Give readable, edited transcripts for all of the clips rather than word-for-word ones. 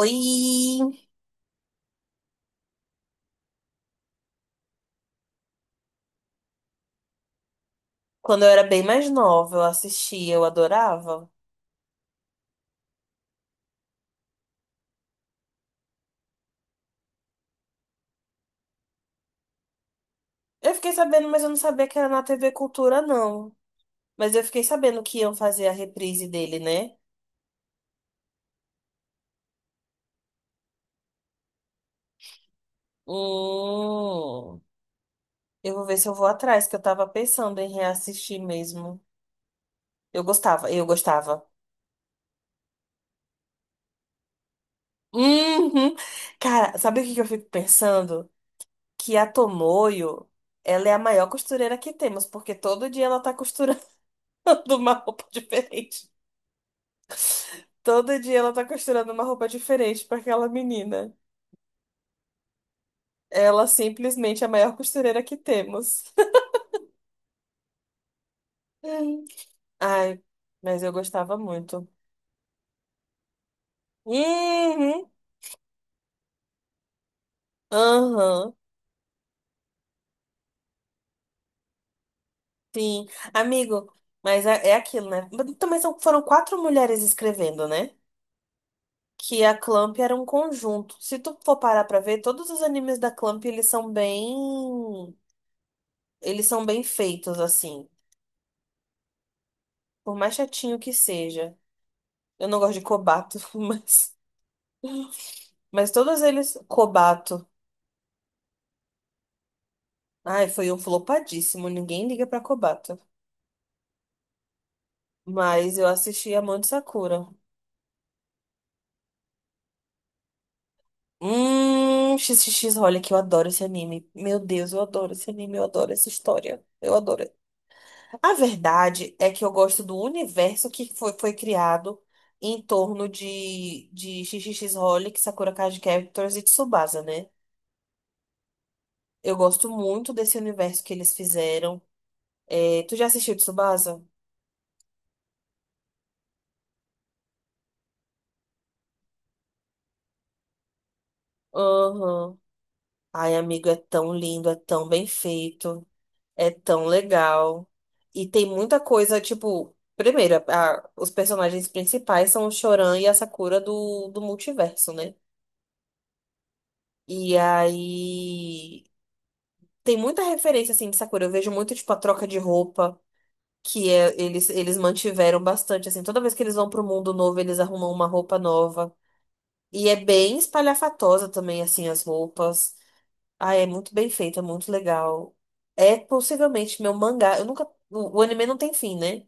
Oi! Quando eu era bem mais nova, eu assistia, eu adorava. Eu fiquei sabendo, mas eu não sabia que era na TV Cultura, não. Mas eu fiquei sabendo que iam fazer a reprise dele, né? Hum, eu vou ver se eu vou atrás, que eu tava pensando em reassistir mesmo. Eu gostava, eu gostava. Uhum. Cara, sabe o que que eu fico pensando? Que a Tomoyo, ela é a maior costureira que temos, porque todo dia ela tá costurando uma roupa diferente. Todo dia ela tá costurando uma roupa diferente pra aquela menina. Ela simplesmente é a maior costureira que temos. Hum. Ai, mas eu gostava muito. Uhum. Aham, sim. Amigo, mas é aquilo, né? Mas também foram quatro mulheres escrevendo, né? Que a Clamp era um conjunto. Se tu for parar pra ver, todos os animes da Clamp, eles são bem... Eles são bem feitos, assim. Por mais chatinho que seja. Eu não gosto de Kobato, mas... Mas todos eles, Kobato. Ai, foi um flopadíssimo. Ninguém liga pra Kobato. Mas eu assisti Amante Sakura. XXX, olha que eu adoro esse anime. Meu Deus, eu adoro esse anime, eu adoro essa história. Eu adoro. A verdade é que eu gosto do universo que foi criado em torno de XXX Holic, Sakura Card Captors e Tsubasa, né? Eu gosto muito desse universo que eles fizeram. É, tu já assistiu Tsubasa? Aham. Ai, amigo, é tão lindo, é tão bem feito, é tão legal. E tem muita coisa, tipo, primeiro, os personagens principais são o Choran e a Sakura do multiverso, né? E aí tem muita referência assim de Sakura. Eu vejo muito, tipo, a troca de roupa, que é, eles mantiveram bastante, assim, toda vez que eles vão pro mundo novo, eles arrumam uma roupa nova. E é bem espalhafatosa também, assim, as roupas. Ah, é muito bem feito, é muito legal. É possivelmente meu mangá. Eu nunca. O anime não tem fim, né?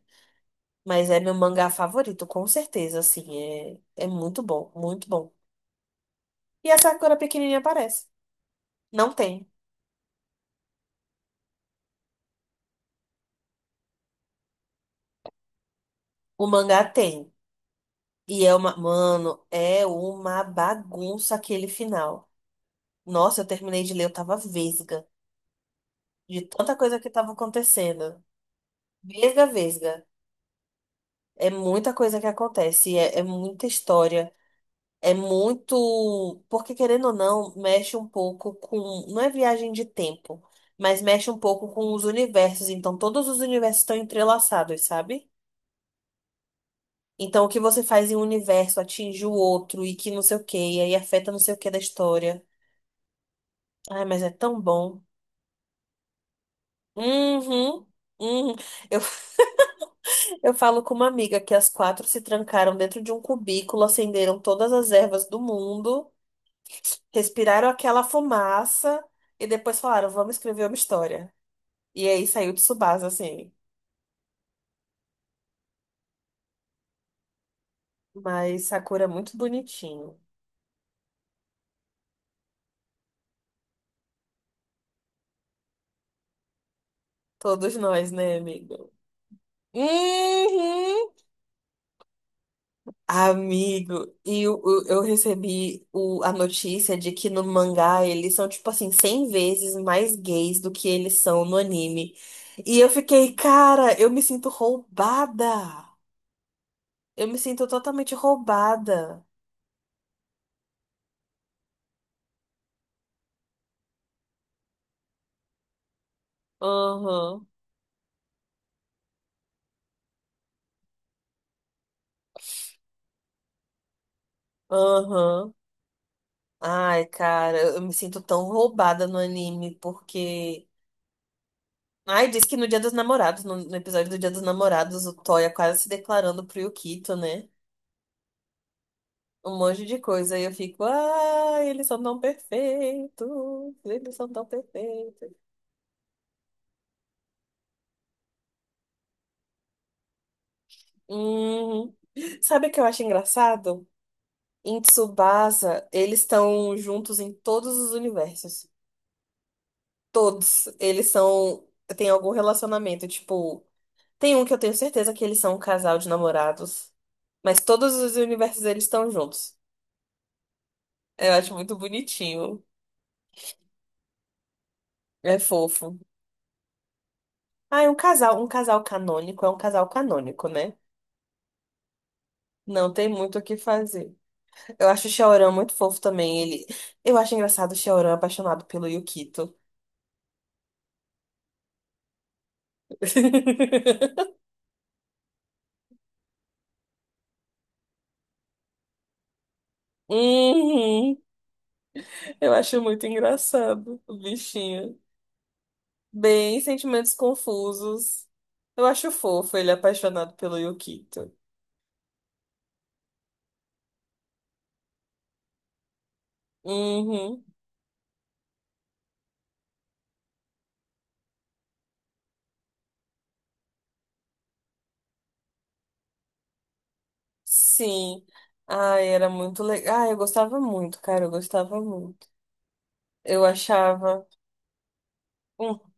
Mas é meu mangá favorito, com certeza, assim. É muito bom, muito bom. E a Sakura pequenininha aparece. Não tem. O mangá tem. E é uma. Mano, é uma bagunça aquele final. Nossa, eu terminei de ler, eu tava vesga. De tanta coisa que tava acontecendo. Vesga, vesga. É muita coisa que acontece. É muita história. É muito. Porque, querendo ou não, mexe um pouco com. Não é viagem de tempo, mas mexe um pouco com os universos. Então, todos os universos estão entrelaçados, sabe? Então, o que você faz em um universo atinge o outro e que não sei o quê, e aí afeta não sei o quê da história. Ai, mas é tão bom. Uhum. Uhum. Eu, eu falo com uma amiga que as quatro se trancaram dentro de um cubículo, acenderam todas as ervas do mundo. Respiraram aquela fumaça e depois falaram, vamos escrever uma história. E aí saiu de Tsubasa, assim. Mas Sakura é muito bonitinho. Todos nós, né, amigo? Uhum. Amigo, e eu recebi a notícia de que no mangá eles são, tipo assim, 100 vezes mais gays do que eles são no anime. E eu fiquei, cara, eu me sinto roubada. Eu me sinto totalmente roubada. Aham, aham. Ai, cara, eu me sinto tão roubada no anime, porque. Ai, diz que no Dia dos Namorados, no episódio do Dia dos Namorados, o Toya quase se declarando pro Yukito, né? Um monte de coisa. E eu fico, ai, eles são tão perfeitos, eles são tão perfeitos. Hum. Sabe o que eu acho engraçado? Em Tsubasa, eles estão juntos em todos os universos. Todos. Eles são. Tem algum relacionamento, tipo. Tem um que eu tenho certeza que eles são um casal de namorados, mas todos os universos eles estão juntos. Eu acho muito bonitinho. É fofo. Ah, é um casal canônico, é um casal canônico, né? Não tem muito o que fazer. Eu acho o Xiaoran muito fofo também. Eu acho engraçado o Xiaoran apaixonado pelo Yukito. Uhum. Eu acho muito engraçado o bichinho. Bem, sentimentos confusos. Eu acho fofo ele apaixonado pelo Yukito. Uhum. Sim. Ai, era muito legal. Ah, eu gostava muito, cara, eu gostava muito. Eu achava. Hum.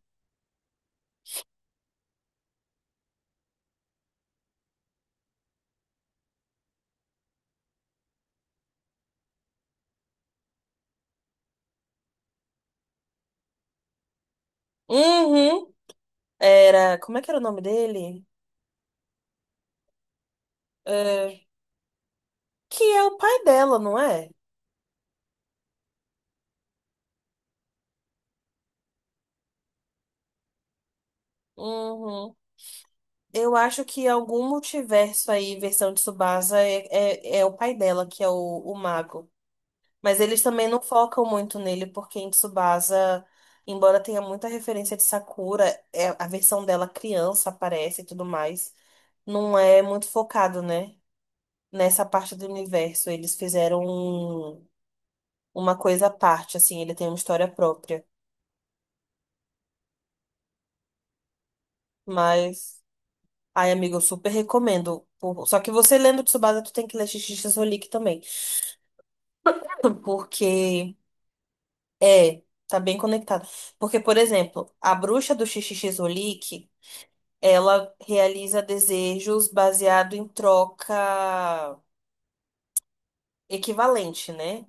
Uhum. Era. Como é que era o nome dele? É, que é o pai dela, não é? Uhum. Eu acho que algum multiverso aí, versão de Tsubasa, é o pai dela, que é o mago. Mas eles também não focam muito nele, porque em Tsubasa, embora tenha muita referência de Sakura, é, a versão dela criança aparece e tudo mais, não é muito focado, né? Nessa parte do universo. Eles fizeram uma coisa à parte, assim, ele tem uma história própria. Mas, ai, amigo, eu super recomendo. Só que você lendo Tsubasa, tu tem que ler Xixi Rolik também. Porque, é, tá bem conectado. Porque, por exemplo, a bruxa do Xixi Rolik. Ela realiza desejos baseado em troca equivalente, né?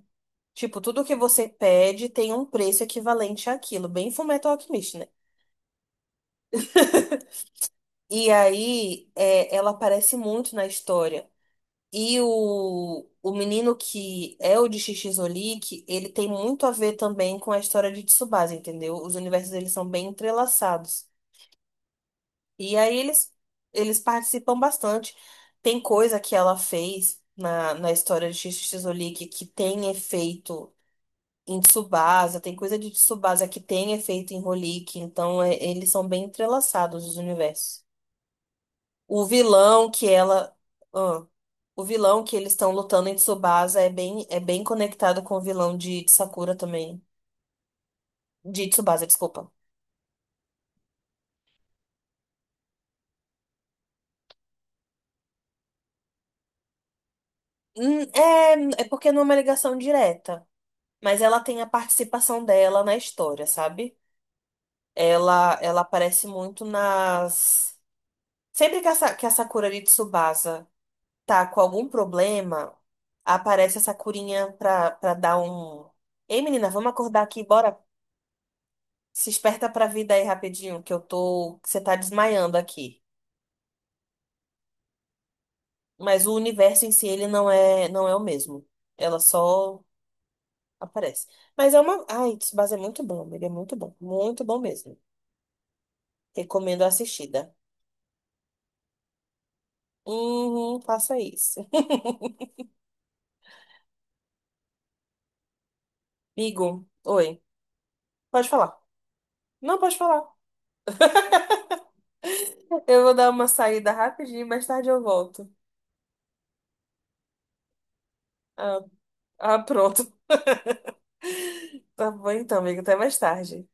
Tipo, tudo que você pede tem um preço equivalente àquilo, bem Fullmetal Alchemist, né? E aí, é, ela aparece muito na história. E o menino que é o de Shichizolik, ele tem muito a ver também com a história de Tsubasa, entendeu? Os universos, eles são bem entrelaçados. E aí eles participam bastante. Tem coisa que ela fez na história de Xixi Xixolique que tem efeito em Tsubasa, tem coisa de Tsubasa que tem efeito em Holick, então eles são bem entrelaçados os universos. O vilão que ela. Ah, o vilão que eles estão lutando em Tsubasa é bem conectado com o vilão de Sakura também. De Tsubasa, desculpa. É porque não é uma ligação direta. Mas ela tem a participação dela na história, sabe? Ela aparece muito nas. Sempre que essa que a Sakura de Tsubasa tá com algum problema, aparece a Sakurinha pra dar um. Ei, menina, vamos acordar aqui, bora. Se esperta pra vida aí rapidinho, que eu tô. Que você tá desmaiando aqui. Mas o universo em si, ele não é o mesmo. Ela só aparece. Mas é uma. Ai, Tsubasa é muito bom, ele é muito bom. Muito bom mesmo. Recomendo a assistida. Uhum, faça isso. Amigo, oi. Pode falar. Não, pode falar. Eu vou dar uma saída rapidinho, mais tarde eu volto. Ah, ah, pronto. Tá bom então, amigo. Até mais tarde.